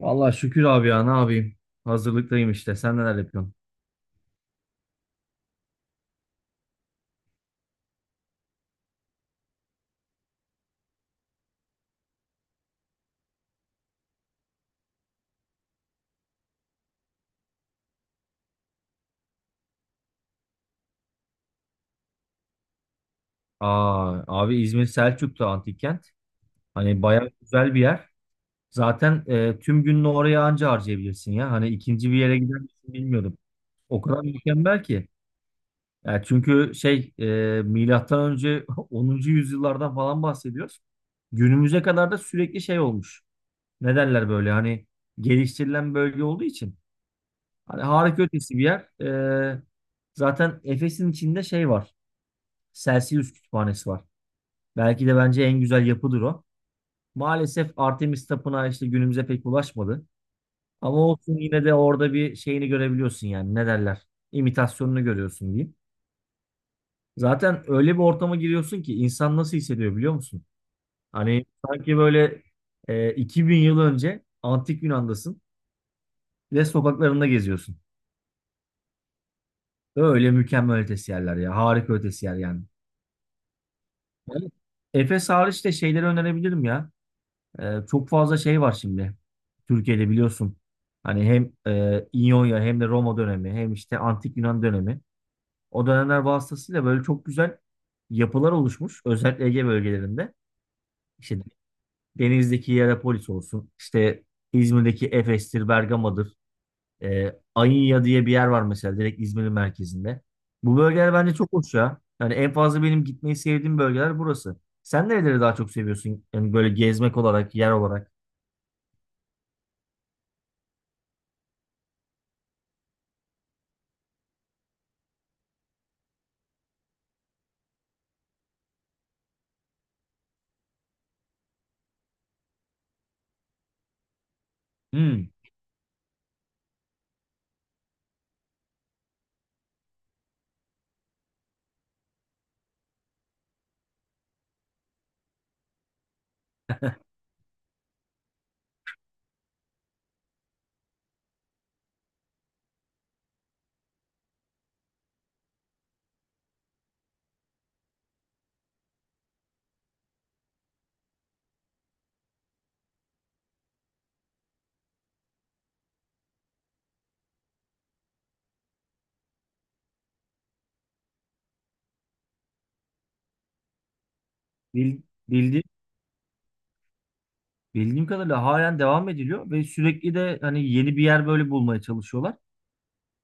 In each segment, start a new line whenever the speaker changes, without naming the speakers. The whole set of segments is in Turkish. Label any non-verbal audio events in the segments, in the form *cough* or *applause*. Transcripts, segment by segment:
Vallahi şükür abi ya ne yapayım? Hazırlıktayım işte. Sen neler yapıyorsun? Aa, abi İzmir Selçuk'ta antik kent. Hani bayağı güzel bir yer. Zaten tüm gününü oraya anca harcayabilirsin ya. Hani ikinci bir yere gider misin bilmiyorum. O kadar mükemmel ki. Yani çünkü şey milattan önce *laughs* 10. yüzyıllardan falan bahsediyoruz. Günümüze kadar da sürekli şey olmuş. Ne derler böyle hani geliştirilen bölge olduğu için. Hani harika ötesi bir yer. E, zaten Efes'in içinde şey var. Celsius Kütüphanesi var. Belki de bence en güzel yapıdır o. Maalesef Artemis Tapınağı işte günümüze pek ulaşmadı. Ama olsun yine de orada bir şeyini görebiliyorsun yani ne derler? İmitasyonunu görüyorsun diyeyim. Zaten öyle bir ortama giriyorsun ki insan nasıl hissediyor biliyor musun? Hani sanki böyle 2000 yıl önce antik Yunan'dasın ve sokaklarında geziyorsun. Öyle mükemmel ötesi yerler ya. Harika ötesi yer yani. Yani Efes hariç de şeyleri önerebilirim ya. Çok fazla şey var şimdi. Türkiye'de biliyorsun. Hani hem İonya hem de Roma dönemi hem işte Antik Yunan dönemi. O dönemler vasıtasıyla böyle çok güzel yapılar oluşmuş. Özellikle Ege bölgelerinde. İşte Denizli'deki Hierapolis olsun. İşte İzmir'deki Efes'tir, Bergama'dır. Ayınya diye bir yer var mesela direkt İzmir'in merkezinde. Bu bölgeler bence çok hoş ya. Yani en fazla benim gitmeyi sevdiğim bölgeler burası. Sen nereleri daha çok seviyorsun? Yani böyle gezmek olarak, yer olarak. Hmm. Bil, bildi, bildiğim kadarıyla halen devam ediliyor ve sürekli de hani yeni bir yer böyle bulmaya çalışıyorlar.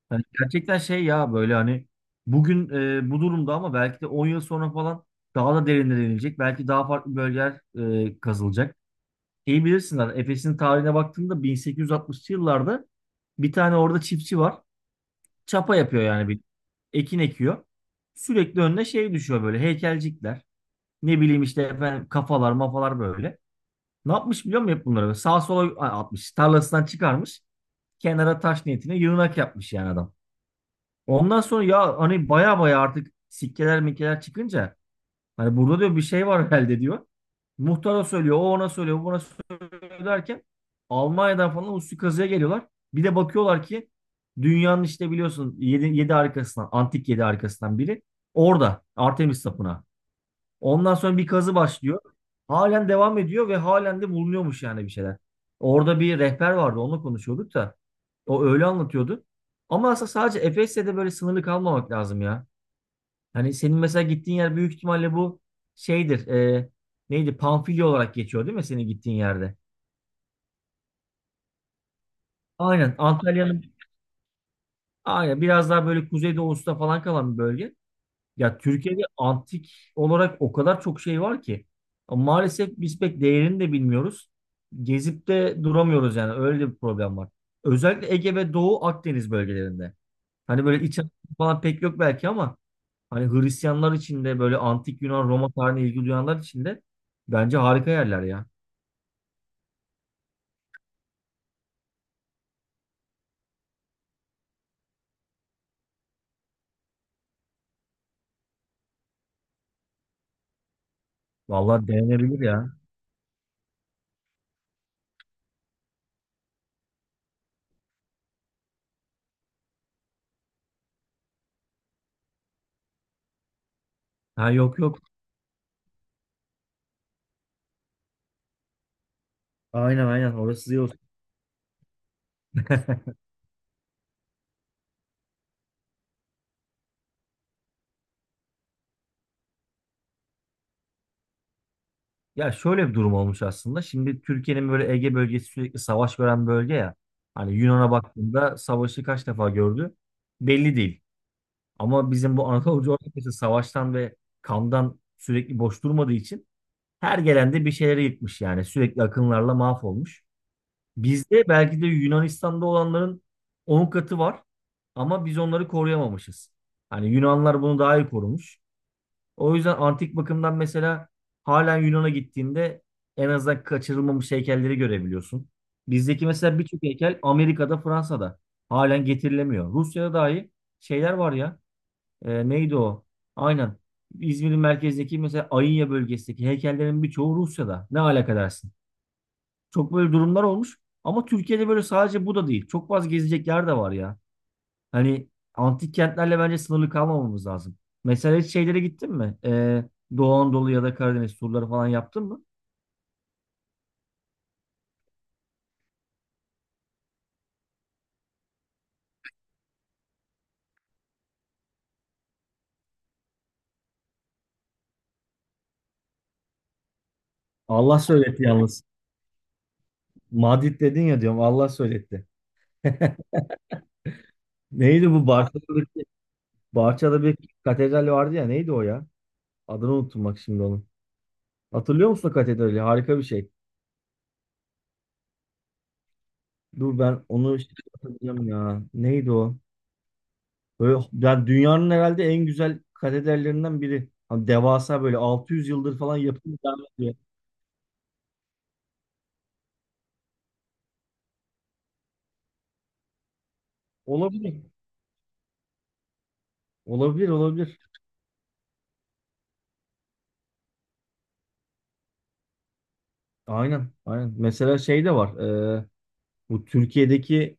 Hani gerçekten şey ya böyle hani bugün bu durumda ama belki de 10 yıl sonra falan daha da derinlere inilecek. Belki daha farklı bölgeler kazılacak. İyi bilirsinler Efes'in tarihine baktığında 1860'lı yıllarda bir tane orada çiftçi var. Çapa yapıyor yani bir ekin ekiyor. Sürekli önüne şey düşüyor böyle heykelcikler. Ne bileyim işte efendim kafalar mafalar böyle. Ne yapmış biliyor musun hep bunları? Sağ sola atmış. Tarlasından çıkarmış. Kenara taş niyetine yığınak yapmış yani adam. Ondan sonra ya hani baya baya artık sikkeler mikkeler çıkınca hani burada diyor bir şey var herhalde diyor. Muhtara söylüyor, o ona söylüyor, bu buna söylüyor derken Almanya'dan falan uslu kazıya geliyorlar. Bir de bakıyorlar ki dünyanın işte biliyorsun 7 7 arkasından, antik 7 arkasından biri orada Artemis Tapınağı. Ondan sonra bir kazı başlıyor. Halen devam ediyor ve halen de bulunuyormuş yani bir şeyler. Orada bir rehber vardı, onunla konuşuyorduk da. O öyle anlatıyordu. Ama aslında sadece Efes'te de böyle sınırlı kalmamak lazım ya. Hani senin mesela gittiğin yer büyük ihtimalle bu şeydir. Neydi? Pamfilya olarak geçiyor değil mi senin gittiğin yerde? Aynen. Antalya'nın aynen biraz daha böyle kuzeydoğusunda falan kalan bir bölge. Ya Türkiye'de antik olarak o kadar çok şey var ki. Ama maalesef biz pek değerini de bilmiyoruz. Gezip de duramıyoruz yani öyle de bir problem var. Özellikle Ege ve Doğu Akdeniz bölgelerinde. Hani böyle iç Anadolu falan pek yok belki ama hani Hristiyanlar için de böyle antik Yunan Roma tarihine ilgi duyanlar için de bence harika yerler ya. Vallahi denenebilir ya. Ha yok yok. Aynen aynen orası iyi olsun. Ya şöyle bir durum olmuş aslında. Şimdi Türkiye'nin böyle Ege bölgesi sürekli savaş gören bölge ya. Hani Yunan'a baktığında savaşı kaç defa gördü belli değil. Ama bizim bu Anadolu coğrafyası savaştan ve kandan sürekli boş durmadığı için her gelende bir şeyleri yıkmış yani. Sürekli akınlarla mahvolmuş. Bizde belki de Yunanistan'da olanların 10 katı var ama biz onları koruyamamışız. Hani Yunanlar bunu daha iyi korumuş. O yüzden antik bakımdan mesela halen Yunan'a gittiğinde en azından kaçırılmamış heykelleri görebiliyorsun. Bizdeki mesela birçok heykel Amerika'da, Fransa'da halen getirilemiyor. Rusya'da dahi şeyler var ya. Neydi o? Aynen. İzmir'in merkezdeki mesela Ayınya bölgesindeki heykellerin birçoğu Rusya'da. Ne alaka dersin? Çok böyle durumlar olmuş. Ama Türkiye'de böyle sadece bu da değil. Çok fazla gezecek yer de var ya. Hani antik kentlerle bence sınırlı kalmamamız lazım. Mesela hiç şeylere gittin mi? Doğu Anadolu ya da Karadeniz turları falan yaptın mı? Allah söyletti yalnız. Madrid dedin ya diyorum Allah söyletti. *laughs* Neydi bu Barça'daki? Barça'da bir katedral vardı ya neydi o ya? Adını unuttum bak şimdi onun. Hatırlıyor musun o katedrali? Harika bir şey. Dur ben onu şimdi hatırlayacağım ya. Neydi o? Böyle, yani dünyanın herhalde en güzel katedrallerinden biri. Hani devasa böyle 600 yıldır falan yapılmış, devam ediyor. Olabilir. Olabilir olabilir. Aynen aynen. Mesela şey de var. e, bu Türkiye'deki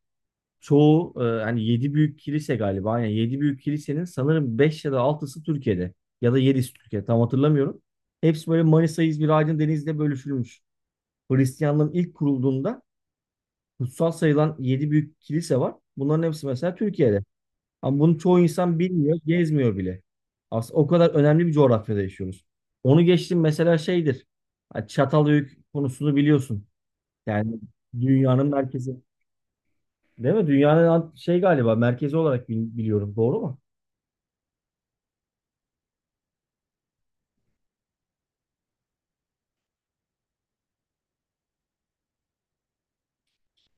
çoğu hani 7 büyük kilise galiba. Aynen 7 büyük kilisenin sanırım 5 ya da altısı Türkiye'de. Ya da 7'si Türkiye tam hatırlamıyorum. Hepsi böyle Manisa, İzmir, Aydın, Denizli'de bölüşülmüş. Hristiyanlığın ilk kurulduğunda kutsal sayılan 7 büyük kilise var. Bunların hepsi mesela Türkiye'de. Ama bunu çoğu insan bilmiyor, gezmiyor bile. Aslında o kadar önemli bir coğrafyada yaşıyoruz. Onu geçtim mesela şeydir. Ha, Çatalhöyük konusunu biliyorsun. Yani dünyanın merkezi. Değil mi? Dünyanın şey galiba merkezi olarak biliyorum. Doğru mu?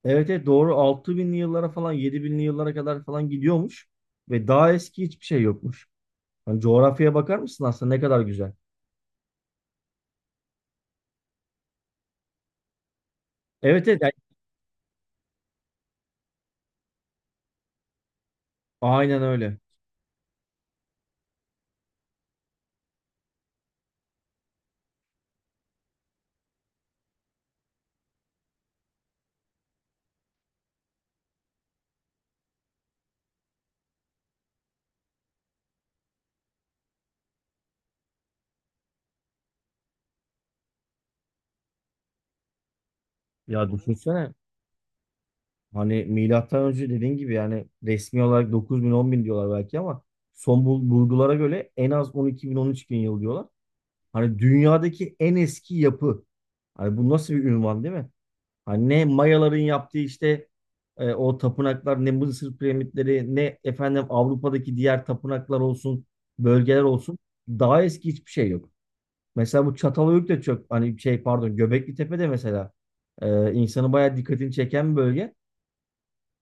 Evet evet doğru. 6000'li yıllara falan 7000'li yıllara kadar falan gidiyormuş. Ve daha eski hiçbir şey yokmuş. Hani coğrafyaya bakar mısın aslında ne kadar güzel. Evet evet yani aynen öyle. Ya düşünsene hani milattan önce dediğin gibi yani resmi olarak dokuz bin on bin diyorlar belki ama son bulgulara göre en az on on iki bin on üç bin yıl diyorlar. Hani dünyadaki en eski yapı. Hani bu nasıl bir ünvan değil mi? Hani ne Mayaların yaptığı işte o tapınaklar ne Mısır piramitleri ne efendim Avrupa'daki diğer tapınaklar olsun bölgeler olsun daha eski hiçbir şey yok. Mesela bu Çatalhöyük de çok hani şey pardon Göbekli Tepe'de mesela insanı bayağı dikkatini çeken bir bölge.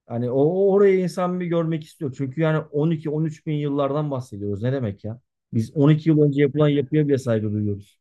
Hani o orayı insan bir görmek istiyor. Çünkü yani 12-13 bin yıllardan bahsediyoruz. Ne demek ya? Biz 12 yıl önce yapılan yapıya bile saygı duyuyoruz.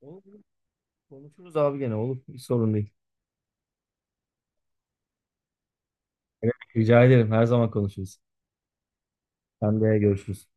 Olur, konuşuruz abi gene olur. Hiç sorun değil. Evet, rica ederim. Her zaman konuşuruz. Sen de görüşürüz.